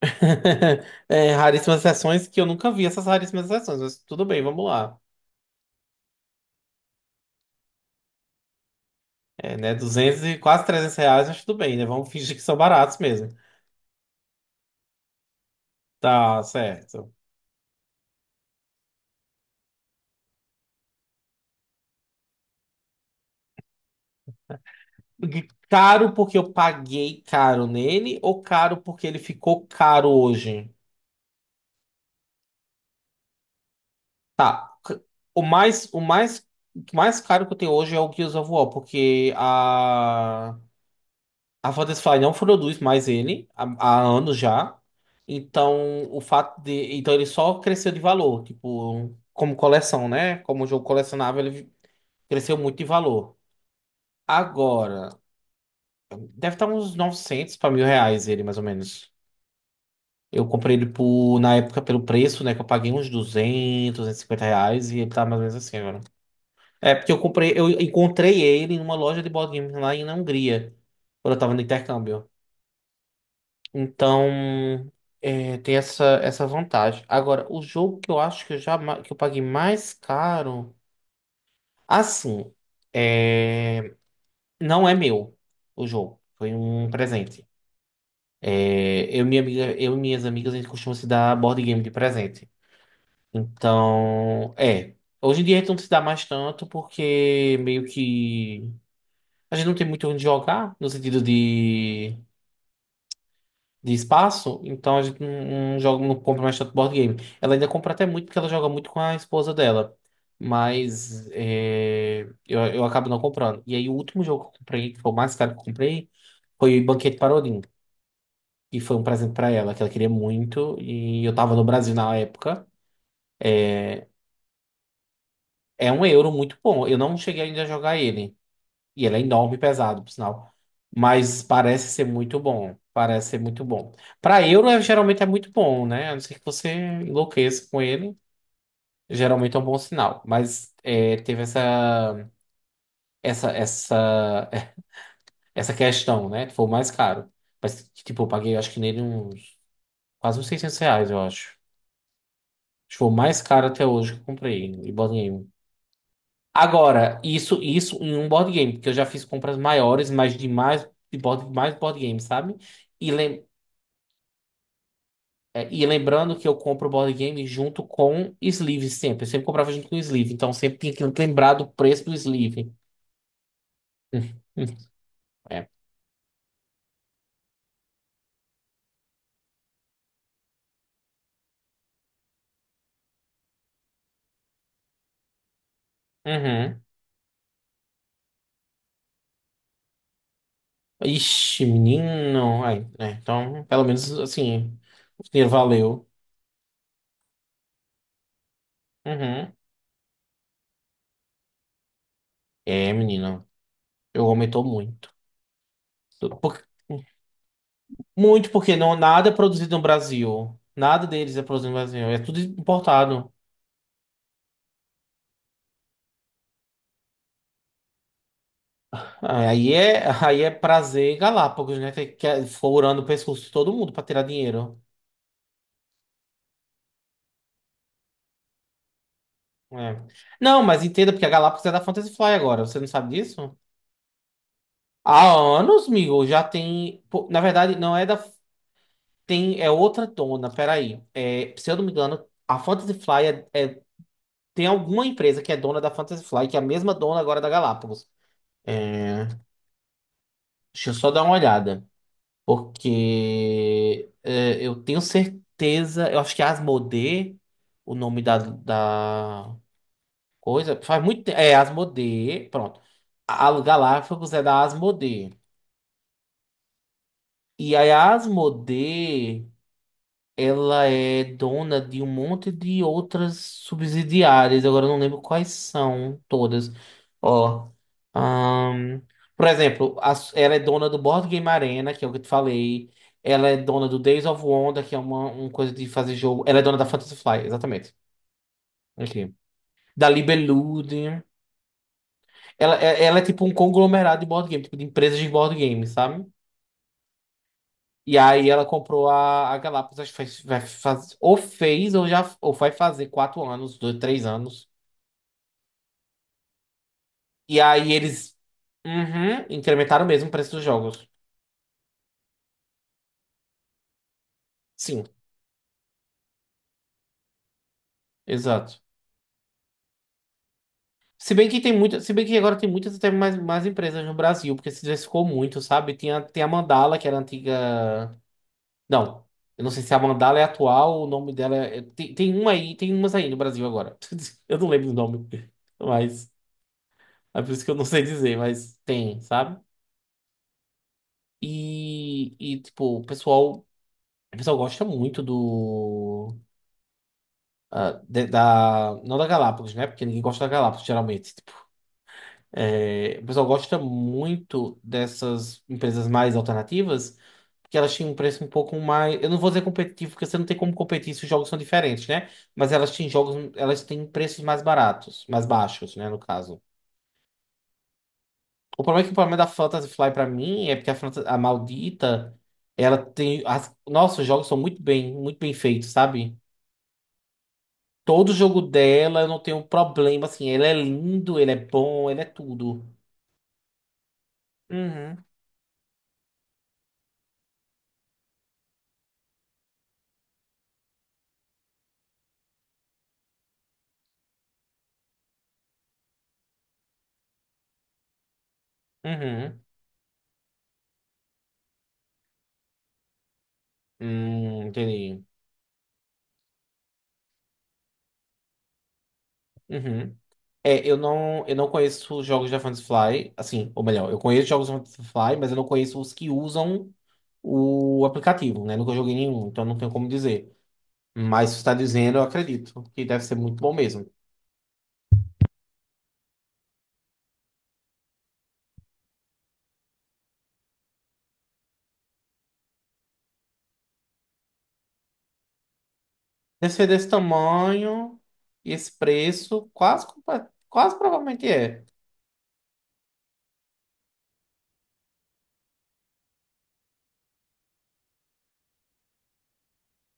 É, raríssimas exceções que eu nunca vi essas raríssimas exceções, mas tudo bem, vamos lá. É, né, 200 e quase 300 reais, mas tudo bem, né? Vamos fingir que são baratos mesmo. Tá certo. Caro porque eu paguei caro nele ou caro porque ele ficou caro hoje? Tá. O mais, o mais, o mais caro que eu tenho hoje é o Gears of War, porque a Firefly não produz mais ele há anos já. Então, o fato de. Então, ele só cresceu de valor, tipo, como coleção, né? Como jogo colecionável, ele cresceu muito de valor. Agora, deve estar uns 900 para 1.000 reais ele, mais ou menos. Eu comprei ele por, na época pelo preço, né? Que eu paguei uns 200, 250 reais e ele tá mais ou menos assim agora. É, porque eu comprei, eu encontrei ele numa loja de board games lá na Hungria, quando eu tava no intercâmbio. Então, é, tem essa vantagem. Agora, o jogo que eu acho que eu paguei mais caro, assim, é, não é meu o jogo. Foi um presente. É, eu e minhas amigas, a gente costuma se dar board game de presente. Então, é. Hoje em dia a gente não se dá mais tanto porque meio que a gente não tem muito onde jogar, no sentido de espaço, então a gente não joga, não compra mais tanto board game. Ela ainda compra até muito porque ela joga muito com a esposa dela. Mas é, eu acabo não comprando. E aí o último jogo que eu comprei, que foi o mais caro que eu comprei, foi o Banquete para Odin. E foi um presente para ela, que ela queria muito. E eu tava no Brasil na época. É um euro muito bom. Eu não cheguei ainda a jogar ele. E ele é enorme e pesado, por sinal. Mas parece ser muito bom. Parece ser muito bom. Para euro, geralmente é muito bom, né? A não ser que você enlouqueça com ele. Geralmente é um bom sinal. Mas é, teve essa, essa, essa questão, né? Foi o mais caro. Mas, tipo, eu paguei, acho que nele uns quase uns 600 reais, eu acho. Acho que foi o mais caro até hoje que eu comprei em board game. Agora, isso em um board game, porque eu já fiz compras maiores, mas de mais, de board, mais board game, sabe? E lem- É, e lembrando que eu compro o board game junto com sleeve sempre. Eu sempre comprava junto com sleeve. Então sempre tinha que lembrar do preço do sleeve. É. Uhum. Ixi, menino. Ai, é, então, pelo menos assim, o dinheiro valeu. Uhum. É, menino. Eu aumentou muito. Por- Muito porque não, nada é produzido no Brasil. Nada deles é produzido no Brasil. É tudo importado. Ah, aí é prazer em Galápagos, né? É furando o pescoço de todo mundo pra tirar dinheiro. É. Não, mas entenda, porque a Galápagos é da Fantasy Fly agora. Você não sabe disso? Há anos, amigo, já tem. Pô, na verdade, não é da. Tem, é outra dona, peraí. É, se eu não me engano, a Fantasy Fly tem alguma empresa que é dona da Fantasy Fly, que é a mesma dona agora da Galápagos. É, deixa eu só dar uma olhada. Porque é, eu tenho certeza. Eu acho que é Asmodee, o nome da coisa, faz muito tempo. É, Asmodee, pronto. A Galápagos é da Asmodee. E aí a Asmodee, ela é dona de um monte de outras subsidiárias. Agora eu não lembro quais são todas. Ó, ahn, por exemplo, ela é dona do Board Game Arena, que é o que eu te falei. Ela é dona do Days of Wonder, que é uma coisa de fazer jogo. Ela é dona da Fantasy Fly, exatamente. Aqui. Da Libelude. Ela é tipo um conglomerado de board game, tipo de empresas de board game, sabe? E aí ela comprou a Galápagos, acho que faz, vai faz, ou fez, ou já, ou vai fazer 4 anos, 2, 3 anos. E aí eles, uhum, incrementaram mesmo o preço dos jogos. Sim, exato. Se bem que tem muita, se bem que agora tem muitas até mais empresas no Brasil, porque se diversificou muito, sabe? Tinha, tem a Mandala, que era antiga. Não. Eu não sei se a mandala é atual, o nome dela é... Tem uma aí, tem umas aí no Brasil agora. Eu não lembro o nome. Mas é por isso que eu não sei dizer, mas tem, sabe? E tipo, o pessoal gosta muito do. Ah, não da Galápagos, né? Porque ninguém gosta da Galápagos, geralmente. Tipo, é, o pessoal gosta muito dessas empresas mais alternativas. Porque elas tinham um preço um pouco mais. Eu não vou dizer competitivo, porque você não tem como competir se os jogos são diferentes, né? Mas elas têm jogos, elas têm preços mais baratos, mais baixos, né? No caso. O problema é que o problema da Fantasy Fly pra mim é porque a, Fantasy, a maldita, ela tem. As... Nossa, os jogos são muito bem feitos, sabe? Todo jogo dela eu não tenho problema, assim. Ele é lindo, ele é bom, ele é tudo. Uhum, uhum. Entendi. Uhum. É, eu não conheço os jogos da Fantasy assim, ou melhor, eu conheço jogos da Fantasy mas eu não conheço os que usam o aplicativo, né? Nunca joguei nenhum, então não tenho como dizer. Mas se você está dizendo, eu acredito que deve ser muito bom mesmo. Deve ser desse tamanho e esse preço, quase provavelmente é.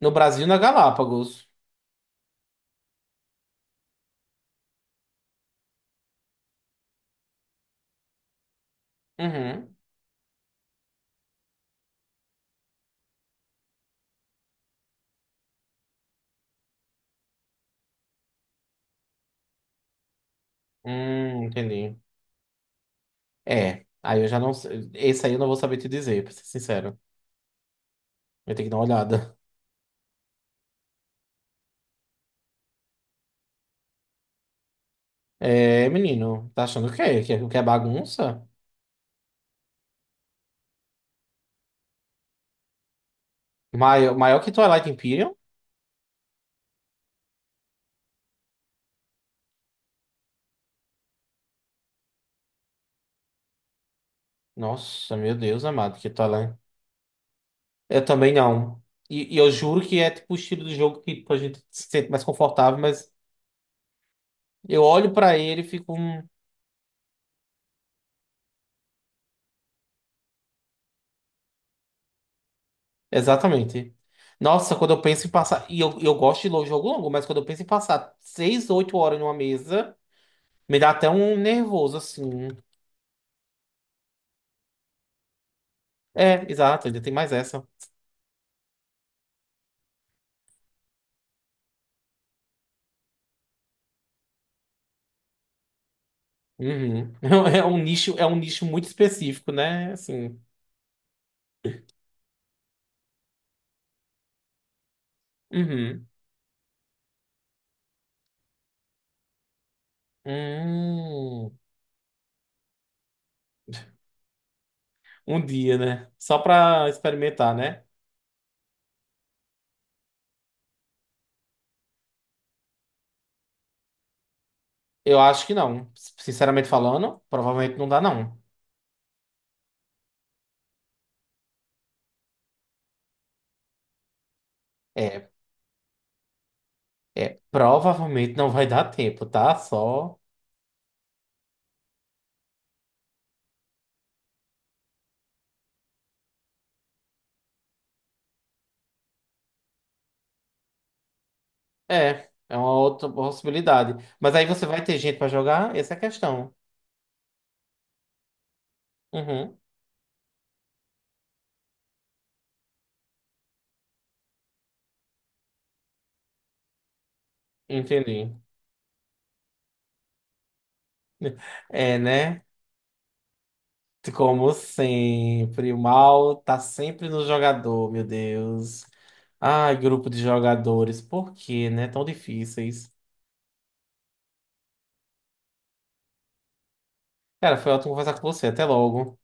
No Brasil, na Galápagos. Uhum. Entendi. É, aí eu já não sei. Esse aí eu não vou saber te dizer, pra ser sincero. Vou ter que dar uma olhada. É, menino, tá achando o quê? Que é bagunça? Maior, maior que Twilight Imperium? Nossa, meu Deus amado, que Twilight. Eu também não. E eu juro que é tipo o estilo de jogo que tipo, a gente se sente mais confortável, mas eu olho pra ele e fico. Exatamente. Nossa, quando eu penso em passar. E eu gosto de jogo longo, mas quando eu penso em passar 6-8 horas numa mesa, me dá até um nervoso, assim. É, exato, ainda tem mais essa. Uhum. É um nicho muito específico, né? Assim. Uhum. Hum. Um dia, né? Só pra experimentar, né? Eu acho que não. Sinceramente falando, provavelmente não dá, não. É, Provavelmente não vai dar tempo, tá? Só. É uma outra possibilidade. Mas aí você vai ter gente pra jogar? Essa é a questão. Uhum. Entendi. É, né? Como sempre, o mal tá sempre no jogador, meu Deus. Ai, grupo de jogadores, por que, né? Tão difíceis. Cara, foi ótimo conversar com você. Até logo.